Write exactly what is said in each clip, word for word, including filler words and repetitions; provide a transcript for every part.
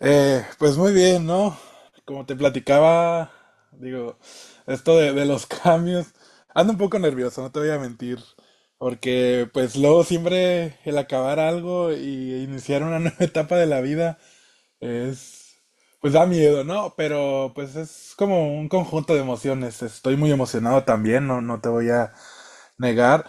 Eh, pues muy bien, ¿no? Como te platicaba, digo, esto de, de los cambios, ando un poco nervioso, no te voy a mentir, porque pues luego siempre el acabar algo y iniciar una nueva etapa de la vida es, pues da miedo, ¿no? Pero pues es como un conjunto de emociones, estoy muy emocionado también, no, no te voy a negar.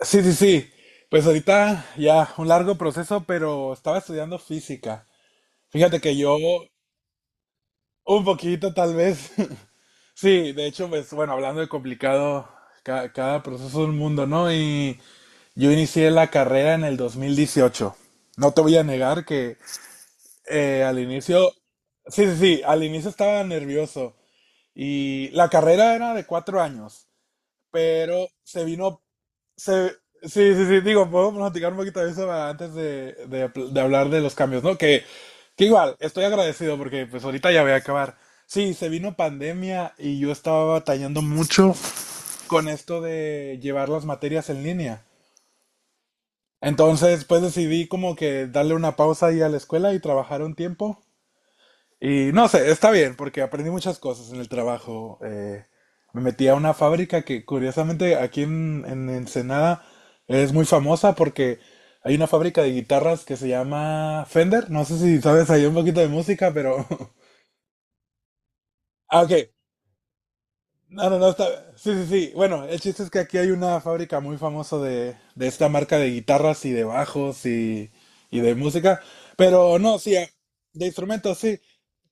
Sí, sí, sí, pues ahorita ya un largo proceso, pero estaba estudiando física. Fíjate que yo... Un poquito, tal vez. Sí, de hecho, pues bueno, hablando de complicado, ca- cada, proceso es un mundo, ¿no? Y yo inicié la carrera en el dos mil dieciocho. No te voy a negar que eh, al inicio, sí, sí, sí, al inicio estaba nervioso. Y la carrera era de cuatro años, pero se vino se, sí, sí, sí, digo, podemos platicar un poquito de eso ah, antes de, de, pl- de hablar de los cambios, ¿no? Que, que igual, estoy agradecido porque pues ahorita ya voy a acabar. Sí, se vino pandemia y yo estaba batallando mucho con esto de llevar las materias en línea. Entonces, pues decidí como que darle una pausa ahí a la escuela y trabajar un tiempo. Y no sé, está bien, porque aprendí muchas cosas en el trabajo. Eh, me metí a una fábrica que curiosamente aquí en, en Ensenada es muy famosa porque hay una fábrica de guitarras que se llama Fender. No sé si sabes ahí un poquito de música, pero... Ah, ok. No, no, no, está... Sí, sí, sí. Bueno, el chiste es que aquí hay una fábrica muy famosa de, de esta marca de guitarras y de bajos y, y de música. Pero no, sí, eh, de instrumentos, sí.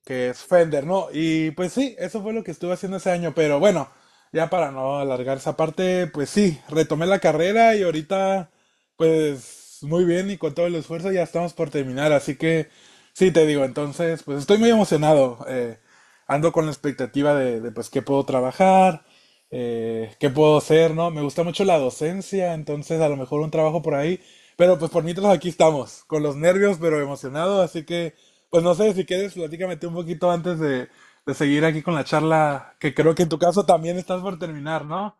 Que es Fender, ¿no? Y pues sí, eso fue lo que estuve haciendo ese año, pero bueno, ya para no alargar esa parte, pues sí, retomé la carrera y ahorita, pues muy bien y con todo el esfuerzo ya estamos por terminar, así que sí, te digo, entonces, pues estoy muy emocionado, eh, ando con la expectativa de, de, pues qué puedo trabajar, eh, qué puedo hacer, ¿no? Me gusta mucho la docencia, entonces a lo mejor un trabajo por ahí, pero pues por mientras aquí estamos, con los nervios, pero emocionado, así que... Pues no sé, si quieres, platícame tú un poquito antes de, de seguir aquí con la charla, que creo que en tu caso también estás por terminar, ¿no?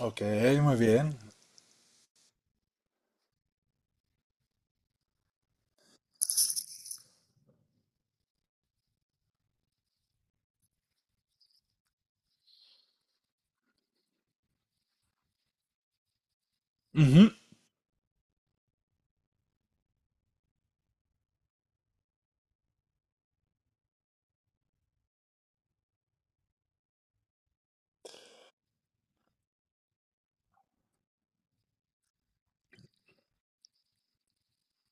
Ok, muy bien. Ujú.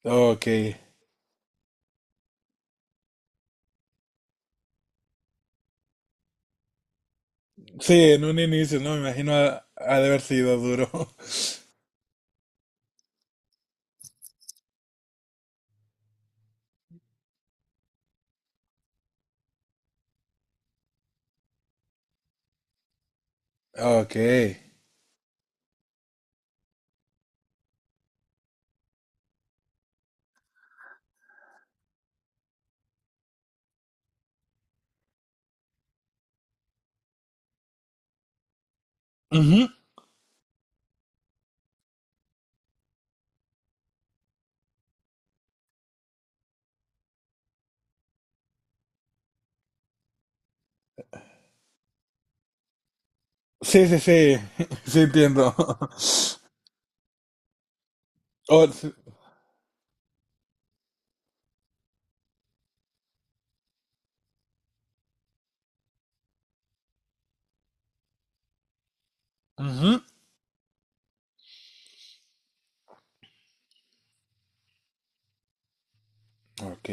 Ok. Sí, en un inicio, ¿no? Me imagino ha, ha de haber sido duro. Ok. Ujú. Sí, sí, sí. Sí, entiendo. Oh, sí. Ujú. Ok.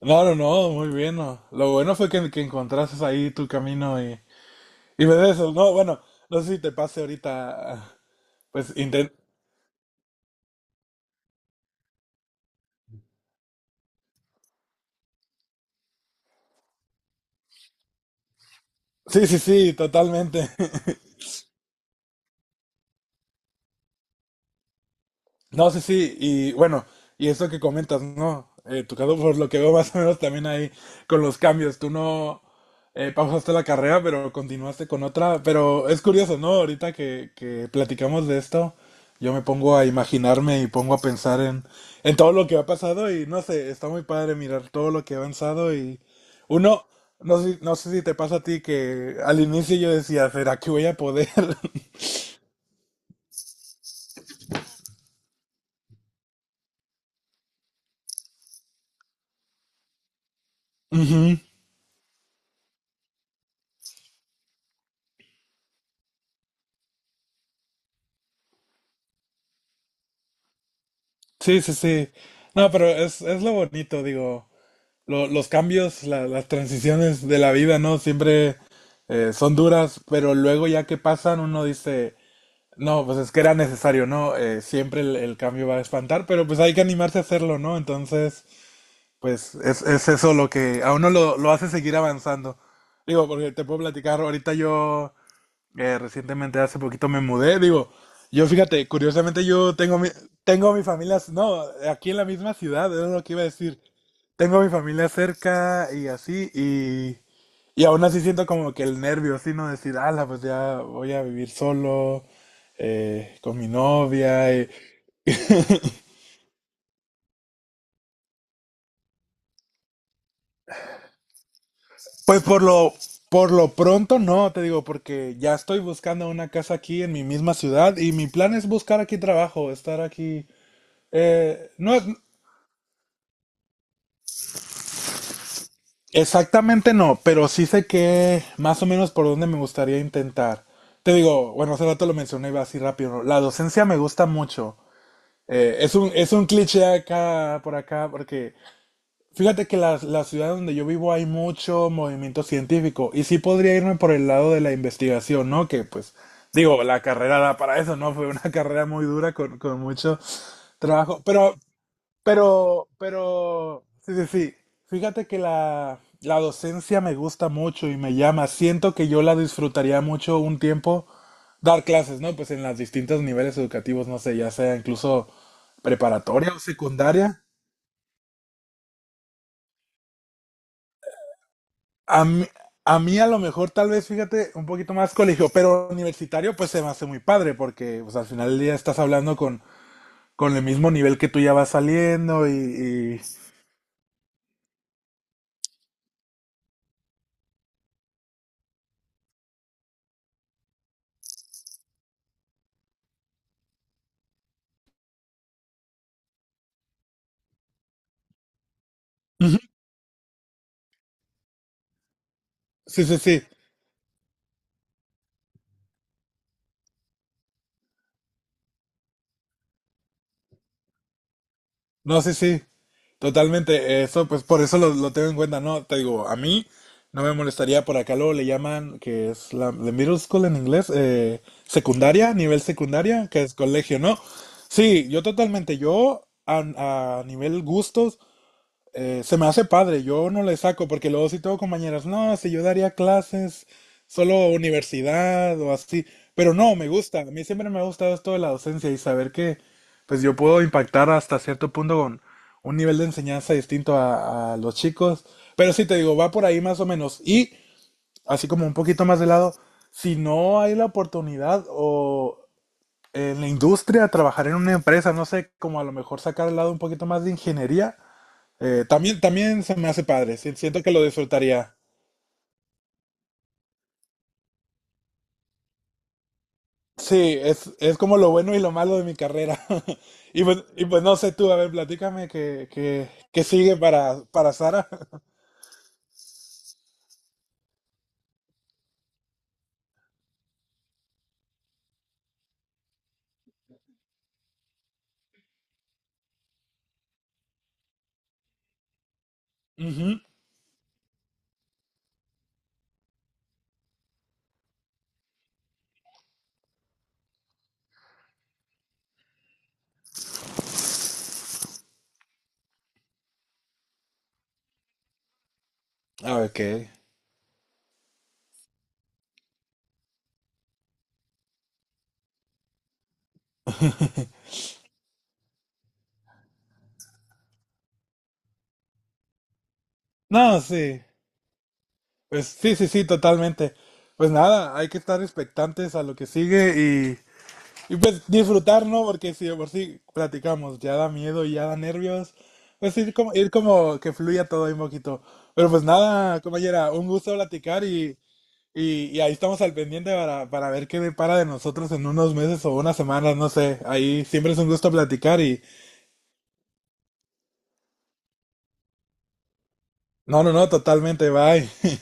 No, no, no, muy bien. No. Lo bueno fue que, que encontraste ahí tu camino y, y ves eso, ¿no? Bueno, no sé si te pase ahorita, pues sí, sí, sí, totalmente. No, sí, sí, y bueno, y eso que comentas, ¿no? Eh, tu caso, por lo que veo más o menos también ahí con los cambios, tú no eh, pausaste la carrera, pero continuaste con otra, pero es curioso, ¿no? Ahorita que, que platicamos de esto, yo me pongo a imaginarme y pongo a pensar en, en todo lo que ha pasado y no sé, está muy padre mirar todo lo que ha avanzado y uno, no sé, no sé si te pasa a ti que al inicio yo decía, ¿será que voy a poder? Ujú. Sí, sí, sí. No, pero es, es lo bonito, digo, lo- los cambios, la- las transiciones de la vida, ¿no? Siempre eh, son duras, pero luego ya que pasan uno dice, no, pues es que era necesario, ¿no? Eh, siempre el, el cambio va a espantar, pero pues hay que animarse a hacerlo, ¿no? Entonces, pues es, es eso lo que a uno lo, lo hace seguir avanzando. Digo, porque te puedo platicar, ahorita yo... Eh, recientemente, hace poquito me mudé, digo, yo fíjate, curiosamente yo tengo mi, tengo mi familia, no, aquí en la misma ciudad, era lo que iba a decir, tengo mi familia cerca y así, y, y aún así siento como que el nervio, así, ¿no? Decir, ala, pues ya voy a vivir solo, eh, con mi novia, y- pues por lo, por lo pronto no, te digo, porque ya estoy buscando una casa aquí en mi misma ciudad y mi plan es buscar aquí trabajo, estar aquí. Eh, no, Exactamente no, pero sí sé que más o menos por dónde me gustaría intentar. Te digo, bueno, hace rato lo mencioné y así rápido, ¿no? La docencia me gusta mucho. Eh, es un, es un cliché acá, por acá, porque fíjate que la, la ciudad donde yo vivo hay mucho movimiento científico y sí podría irme por el lado de la investigación, ¿no? Que pues, digo, la carrera da para eso, ¿no? Fue una carrera muy dura con, con mucho trabajo, pero pero, pero, sí, sí, sí. Fíjate que la, la docencia me gusta mucho y me llama. Siento que yo la disfrutaría mucho un tiempo dar clases, ¿no? Pues en los distintos niveles educativos, no sé, ya sea incluso preparatoria o secundaria. A mí, a mí a lo mejor tal vez, fíjate, un poquito más colegio, pero universitario pues se me hace muy padre porque pues al final del día estás hablando con, con el mismo nivel que tú ya vas saliendo y... y- Ujú. Sí, sí, sí. No, sí, sí, totalmente. Eso, pues por eso lo, lo tengo en cuenta, ¿no? Te digo, a mí no me molestaría por acá, luego le llaman, que es la, la middle school en inglés, eh, secundaria, nivel secundaria, que es colegio, ¿no? Sí, yo totalmente, yo a, a nivel gustos, eh, se me hace padre, yo no le saco porque luego si tengo compañeras, no, si yo daría clases solo universidad o así, pero no, me gusta, a mí siempre me ha gustado esto de la docencia y saber que pues yo puedo impactar hasta cierto punto con un nivel de enseñanza distinto a, a los chicos, pero sí te digo, va por ahí más o menos y así como un poquito más de lado, si no hay la oportunidad o en la industria, trabajar en una empresa, no sé, como a lo mejor sacar al lado un poquito más de ingeniería. Eh, también, también se me hace padre, sí, siento que lo disfrutaría. Sí, es, es como lo bueno y lo malo de mi carrera. Y pues, y pues no sé tú, a ver, platícame qué, qué, qué sigue para, para Sara. Ujú. Ah, ok. No, sí. Pues sí, sí, sí, totalmente. Pues nada, hay que estar expectantes a lo que sigue. Y pues disfrutar, ¿no? Porque si de por sí platicamos, ya da miedo y ya da nervios. Pues ir como, ir como que fluya todo ahí un poquito. Pero pues nada, compañera, un gusto platicar y, y, y ahí estamos al pendiente para, para ver qué depara de nosotros en unos meses o unas semanas, no sé. Ahí siempre es un gusto platicar y... No, no, no, totalmente, bye.